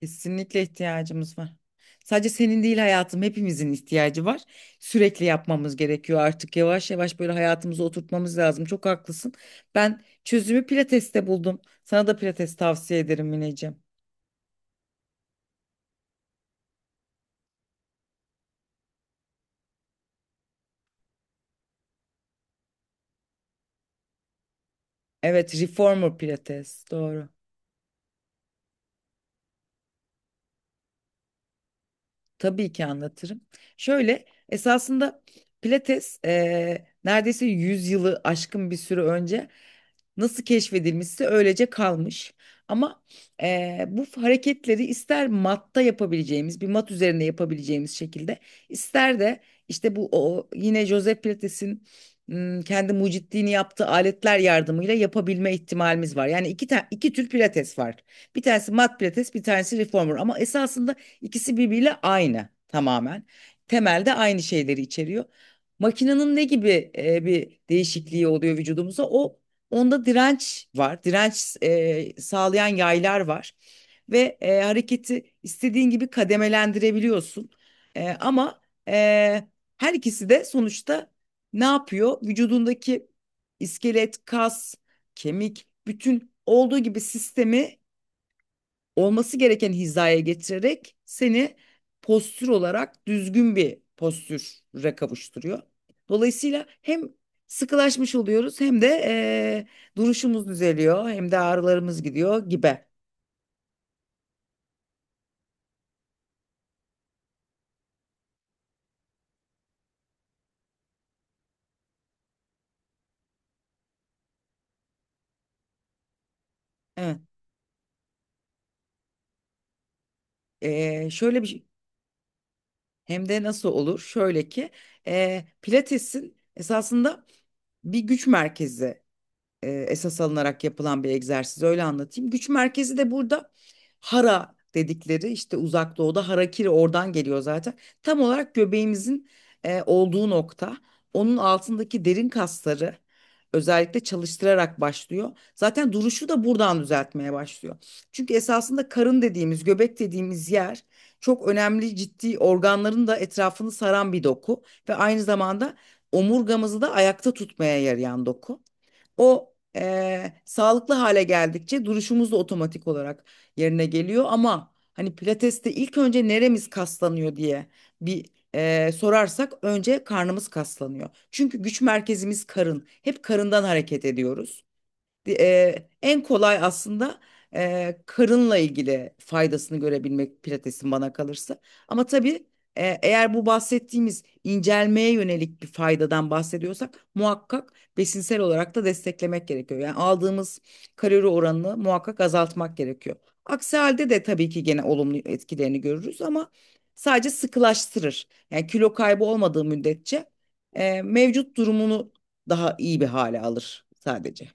Kesinlikle ihtiyacımız var. Sadece senin değil hayatım hepimizin ihtiyacı var. Sürekli yapmamız gerekiyor artık yavaş yavaş böyle hayatımıza oturtmamız lazım. Çok haklısın. Ben çözümü pilateste buldum. Sana da pilates tavsiye ederim Mineciğim. Evet, reformer pilates. Doğru. Tabii ki anlatırım. Şöyle esasında pilates neredeyse 100 yılı aşkın bir süre önce nasıl keşfedilmişse öylece kalmış. Ama bu hareketleri ister matta yapabileceğimiz bir mat üzerinde yapabileceğimiz şekilde ister de işte yine Joseph Pilates'in kendi mucitliğini yaptığı aletler yardımıyla yapabilme ihtimalimiz var. Yani iki tür pilates var. Bir tanesi mat pilates, bir tanesi reformer. Ama esasında İkisi birbiriyle aynı tamamen. Temelde aynı şeyleri içeriyor. Makinenin ne gibi bir değişikliği oluyor vücudumuza? Onda direnç var. Direnç sağlayan yaylar var. Ve hareketi istediğin gibi kademelendirebiliyorsun. Ama e, her ikisi de sonuçta ne yapıyor? Vücudundaki iskelet, kas, kemik, bütün olduğu gibi sistemi olması gereken hizaya getirerek seni postür olarak düzgün bir postüre kavuşturuyor. Dolayısıyla hem sıkılaşmış oluyoruz hem de duruşumuz düzeliyor hem de ağrılarımız gidiyor gibi. Evet. Eee, şöyle bir şey- hem de nasıl olur? Şöyle ki Pilates'in esasında bir güç merkezi esas alınarak yapılan bir egzersiz, öyle anlatayım. Güç merkezi de burada hara dedikleri, işte uzak doğuda harakiri oradan geliyor zaten. Tam olarak göbeğimizin olduğu nokta, onun altındaki derin kasları özellikle çalıştırarak başlıyor. Zaten duruşu da buradan düzeltmeye başlıyor. Çünkü esasında karın dediğimiz, göbek dediğimiz yer çok önemli ciddi organların da etrafını saran bir doku ve aynı zamanda omurgamızı da ayakta tutmaya yarayan doku. O sağlıklı hale geldikçe duruşumuz da otomatik olarak yerine geliyor. Ama hani pilateste ilk önce neremiz kaslanıyor diye bir, sorarsak önce karnımız kaslanıyor. Çünkü güç merkezimiz karın. Hep karından hareket ediyoruz. En kolay aslında karınla ilgili faydasını görebilmek pilatesin bana kalırsa. Ama tabii eğer bu bahsettiğimiz incelmeye yönelik bir faydadan bahsediyorsak muhakkak besinsel olarak da desteklemek gerekiyor. Yani aldığımız kalori oranını muhakkak azaltmak gerekiyor. Aksi halde de tabii ki gene olumlu etkilerini görürüz ama sadece sıkılaştırır. Yani kilo kaybı olmadığı müddetçe mevcut durumunu daha iyi bir hale alır sadece.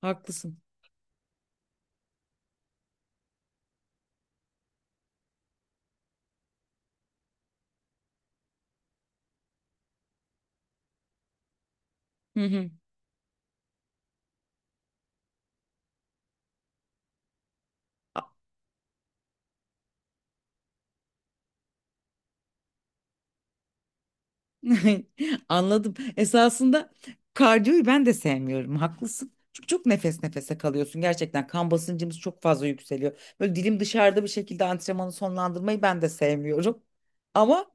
Haklısın. Hı hı. A- Anladım. Esasında kardiyoyu ben de sevmiyorum. Haklısın. Çünkü çok nefes nefese kalıyorsun. Gerçekten kan basıncımız çok fazla yükseliyor. Böyle dilim dışarıda bir şekilde antrenmanı sonlandırmayı ben de sevmiyorum. Ama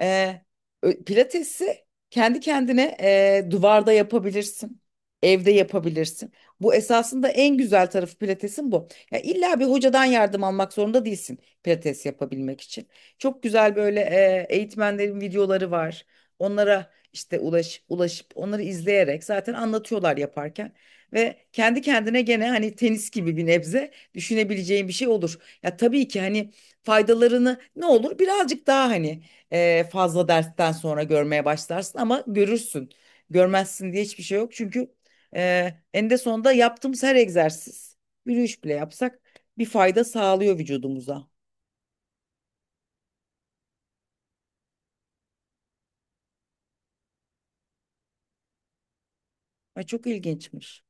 Ee, pilatesi kendi kendine duvarda yapabilirsin. Evde yapabilirsin. Bu esasında en güzel tarafı pilatesin bu. Ya illa bir hocadan yardım almak zorunda değilsin pilates yapabilmek için. Çok güzel böyle eğitmenlerin videoları var. Onlara işte ulaşıp onları izleyerek zaten anlatıyorlar yaparken. Ve kendi kendine gene hani tenis gibi bir nebze düşünebileceğin bir şey olur. Ya tabii ki hani faydalarını ne olur birazcık daha hani fazla dersten sonra görmeye başlarsın ama görürsün. Görmezsin diye hiçbir şey yok. Çünkü eninde sonunda yaptığımız her egzersiz, yürüyüş bile yapsak bir fayda sağlıyor vücudumuza. Ay, çok ilginçmiş.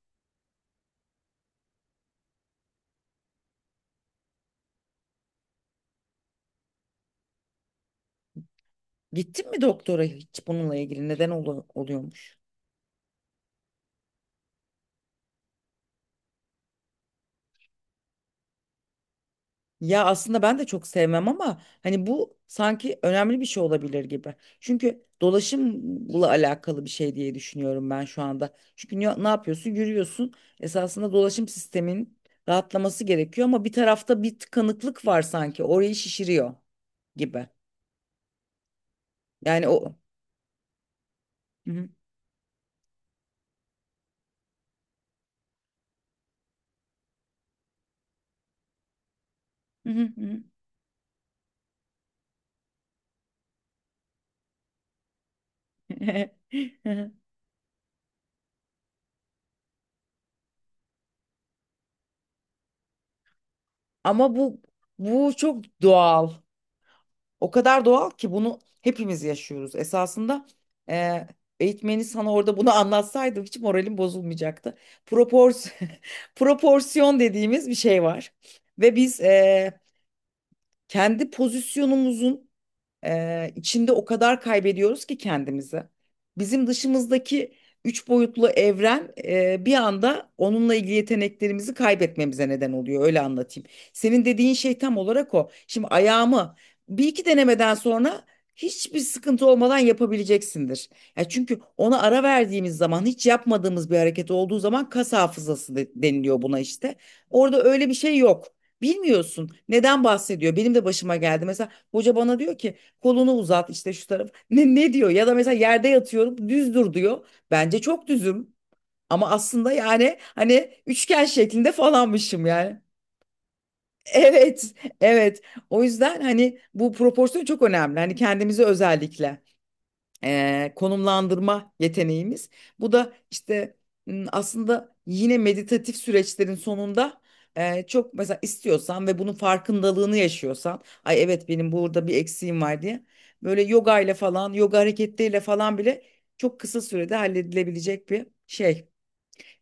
Gittin mi doktora hiç bununla ilgili? Neden oluyormuş? Ya aslında ben de çok sevmem ama hani bu sanki önemli bir şey olabilir gibi. Çünkü dolaşımla alakalı bir şey diye düşünüyorum ben şu anda. Çünkü ne yapıyorsun? Yürüyorsun. Esasında dolaşım sistemin rahatlaması gerekiyor ama bir tarafta bir tıkanıklık var sanki. Orayı şişiriyor gibi. Yani o. Hı hı. Hı hı hı. Ama bu Bu çok doğal. O kadar doğal ki bunu hepimiz yaşıyoruz. Esasında e, eğitmeni sana orada bunu anlatsaydım hiç moralim bozulmayacaktı. Propors proporsiyon dediğimiz bir şey var. Ve biz kendi pozisyonumuzun içinde o kadar kaybediyoruz ki kendimizi. Bizim dışımızdaki üç boyutlu evren bir anda onunla ilgili yeteneklerimizi kaybetmemize neden oluyor. Öyle anlatayım. Senin dediğin şey tam olarak o. Şimdi ayağımı 1 2 denemeden sonra hiçbir sıkıntı olmadan yapabileceksindir. Ya çünkü ona ara verdiğimiz zaman hiç yapmadığımız bir hareket olduğu zaman kas hafızası deniliyor buna işte. Orada öyle bir şey yok. Bilmiyorsun neden bahsediyor. Benim de başıma geldi. Mesela hoca bana diyor ki, kolunu uzat işte şu taraf. Ne diyor? Ya da mesela yerde yatıyorum, düz dur diyor. Bence çok düzüm. Ama aslında yani hani üçgen şeklinde falanmışım yani. Evet, evet. O yüzden hani bu proporsiyon çok önemli. Hani kendimize özellikle konumlandırma yeteneğimiz. Bu da işte aslında yine meditatif süreçlerin sonunda çok mesela istiyorsan ve bunun farkındalığını yaşıyorsan, ay evet benim burada bir eksiğim var diye böyle yoga ile falan, yoga hareketleriyle falan bile çok kısa sürede halledilebilecek bir şey.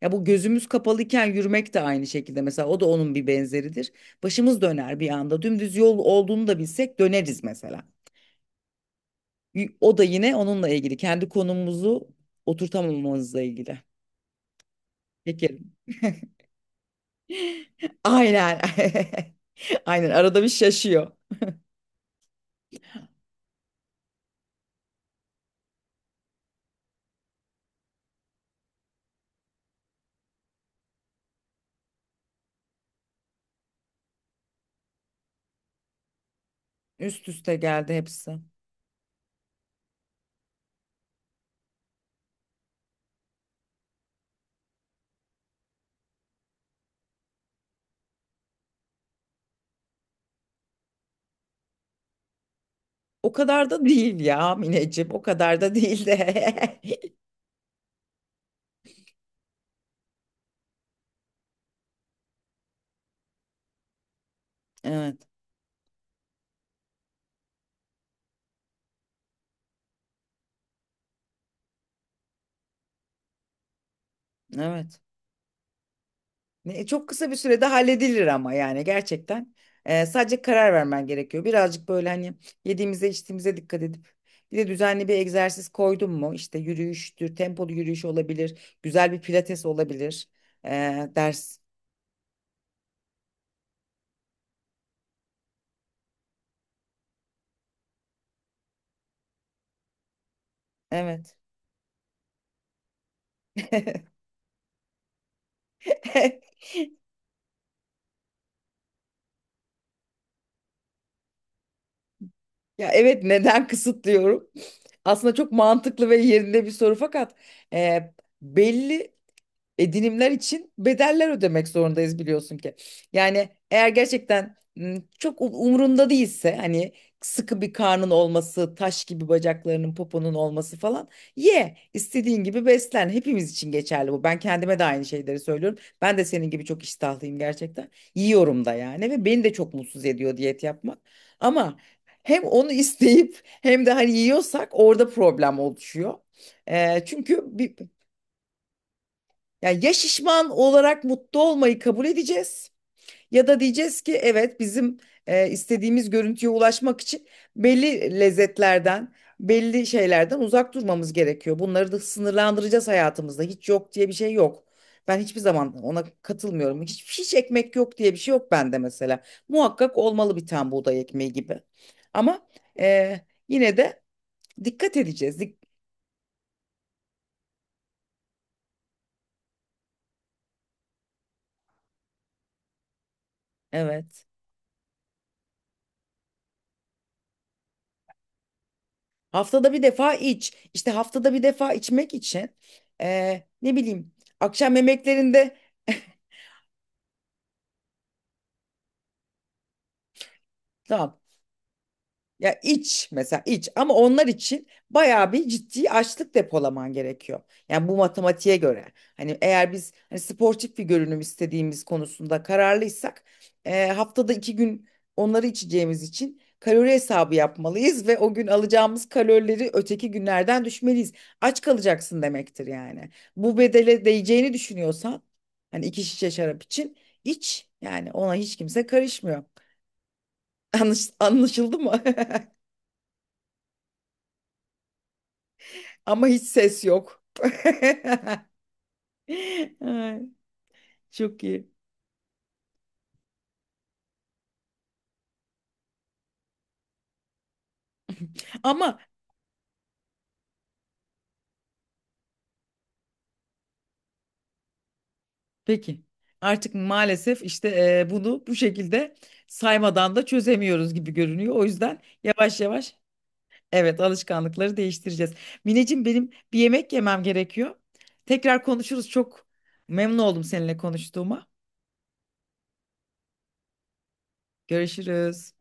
Ya bu gözümüz kapalıyken yürümek de aynı şekilde mesela, o da onun bir benzeridir. Başımız döner bir anda. Dümdüz yol olduğunu da bilsek döneriz mesela. O da yine onunla ilgili. Kendi konumumuzu oturtamamamızla ilgili. Şekerim. Aynen. Aynen. Arada bir şaşıyor. Üst üste geldi hepsi. O kadar da değil ya Mineciğim. O kadar da değil de. Evet. Evet. Çok kısa bir sürede halledilir ama yani gerçekten. Sadece karar vermen gerekiyor. Birazcık böyle hani yediğimize içtiğimize dikkat edip bir de düzenli bir egzersiz koydun mu? İşte yürüyüştür, tempolu yürüyüş olabilir, güzel bir pilates olabilir. Ders. Evet. Ya evet, neden kısıtlıyorum? Aslında çok mantıklı ve yerinde bir soru, fakat e, belli edinimler için bedeller ödemek zorundayız biliyorsun ki. Yani eğer gerçekten çok umrunda değilse hani sıkı bir karnın olması, taş gibi bacaklarının, poponun olması falan, istediğin gibi beslen. Hepimiz için geçerli bu. Ben kendime de aynı şeyleri söylüyorum. Ben de senin gibi çok iştahlıyım gerçekten. Yiyorum da yani ve beni de çok mutsuz ediyor diyet yapmak. Ama hem onu isteyip hem de hani yiyorsak orada problem oluşuyor. Çünkü yani ya şişman olarak mutlu olmayı kabul edeceğiz ya da diyeceğiz ki evet bizim istediğimiz görüntüye ulaşmak için belli lezzetlerden, belli şeylerden uzak durmamız gerekiyor. Bunları da sınırlandıracağız hayatımızda. Hiç yok diye bir şey yok. Ben hiçbir zaman ona katılmıyorum. Hiç ekmek yok diye bir şey yok bende mesela. Muhakkak olmalı bir tane buğday ekmeği gibi. Ama e, yine de dikkat edeceğiz. Evet. Haftada bir defa iç. İşte haftada bir defa içmek için ne bileyim akşam yemeklerinde tamam. Ya iç mesela, iç ama onlar için bayağı bir ciddi açlık depolaman gerekiyor. Yani bu matematiğe göre. Hani eğer biz hani sportif bir görünüm istediğimiz konusunda kararlıysak haftada 2 gün onları içeceğimiz için kalori hesabı yapmalıyız ve o gün alacağımız kalorileri öteki günlerden düşmeliyiz. Aç kalacaksın demektir yani. Bu bedele değeceğini düşünüyorsan hani iki şişe şarap için iç yani, ona hiç kimse karışmıyor. Anlaşıldı mı? Ama hiç ses yok. Ay, çok iyi. Ama peki, artık maalesef işte bunu bu şekilde saymadan da çözemiyoruz gibi görünüyor. O yüzden yavaş yavaş evet, alışkanlıkları değiştireceğiz. Mineciğim benim bir yemek yemem gerekiyor. Tekrar konuşuruz. Çok memnun oldum seninle konuştuğuma. Görüşürüz.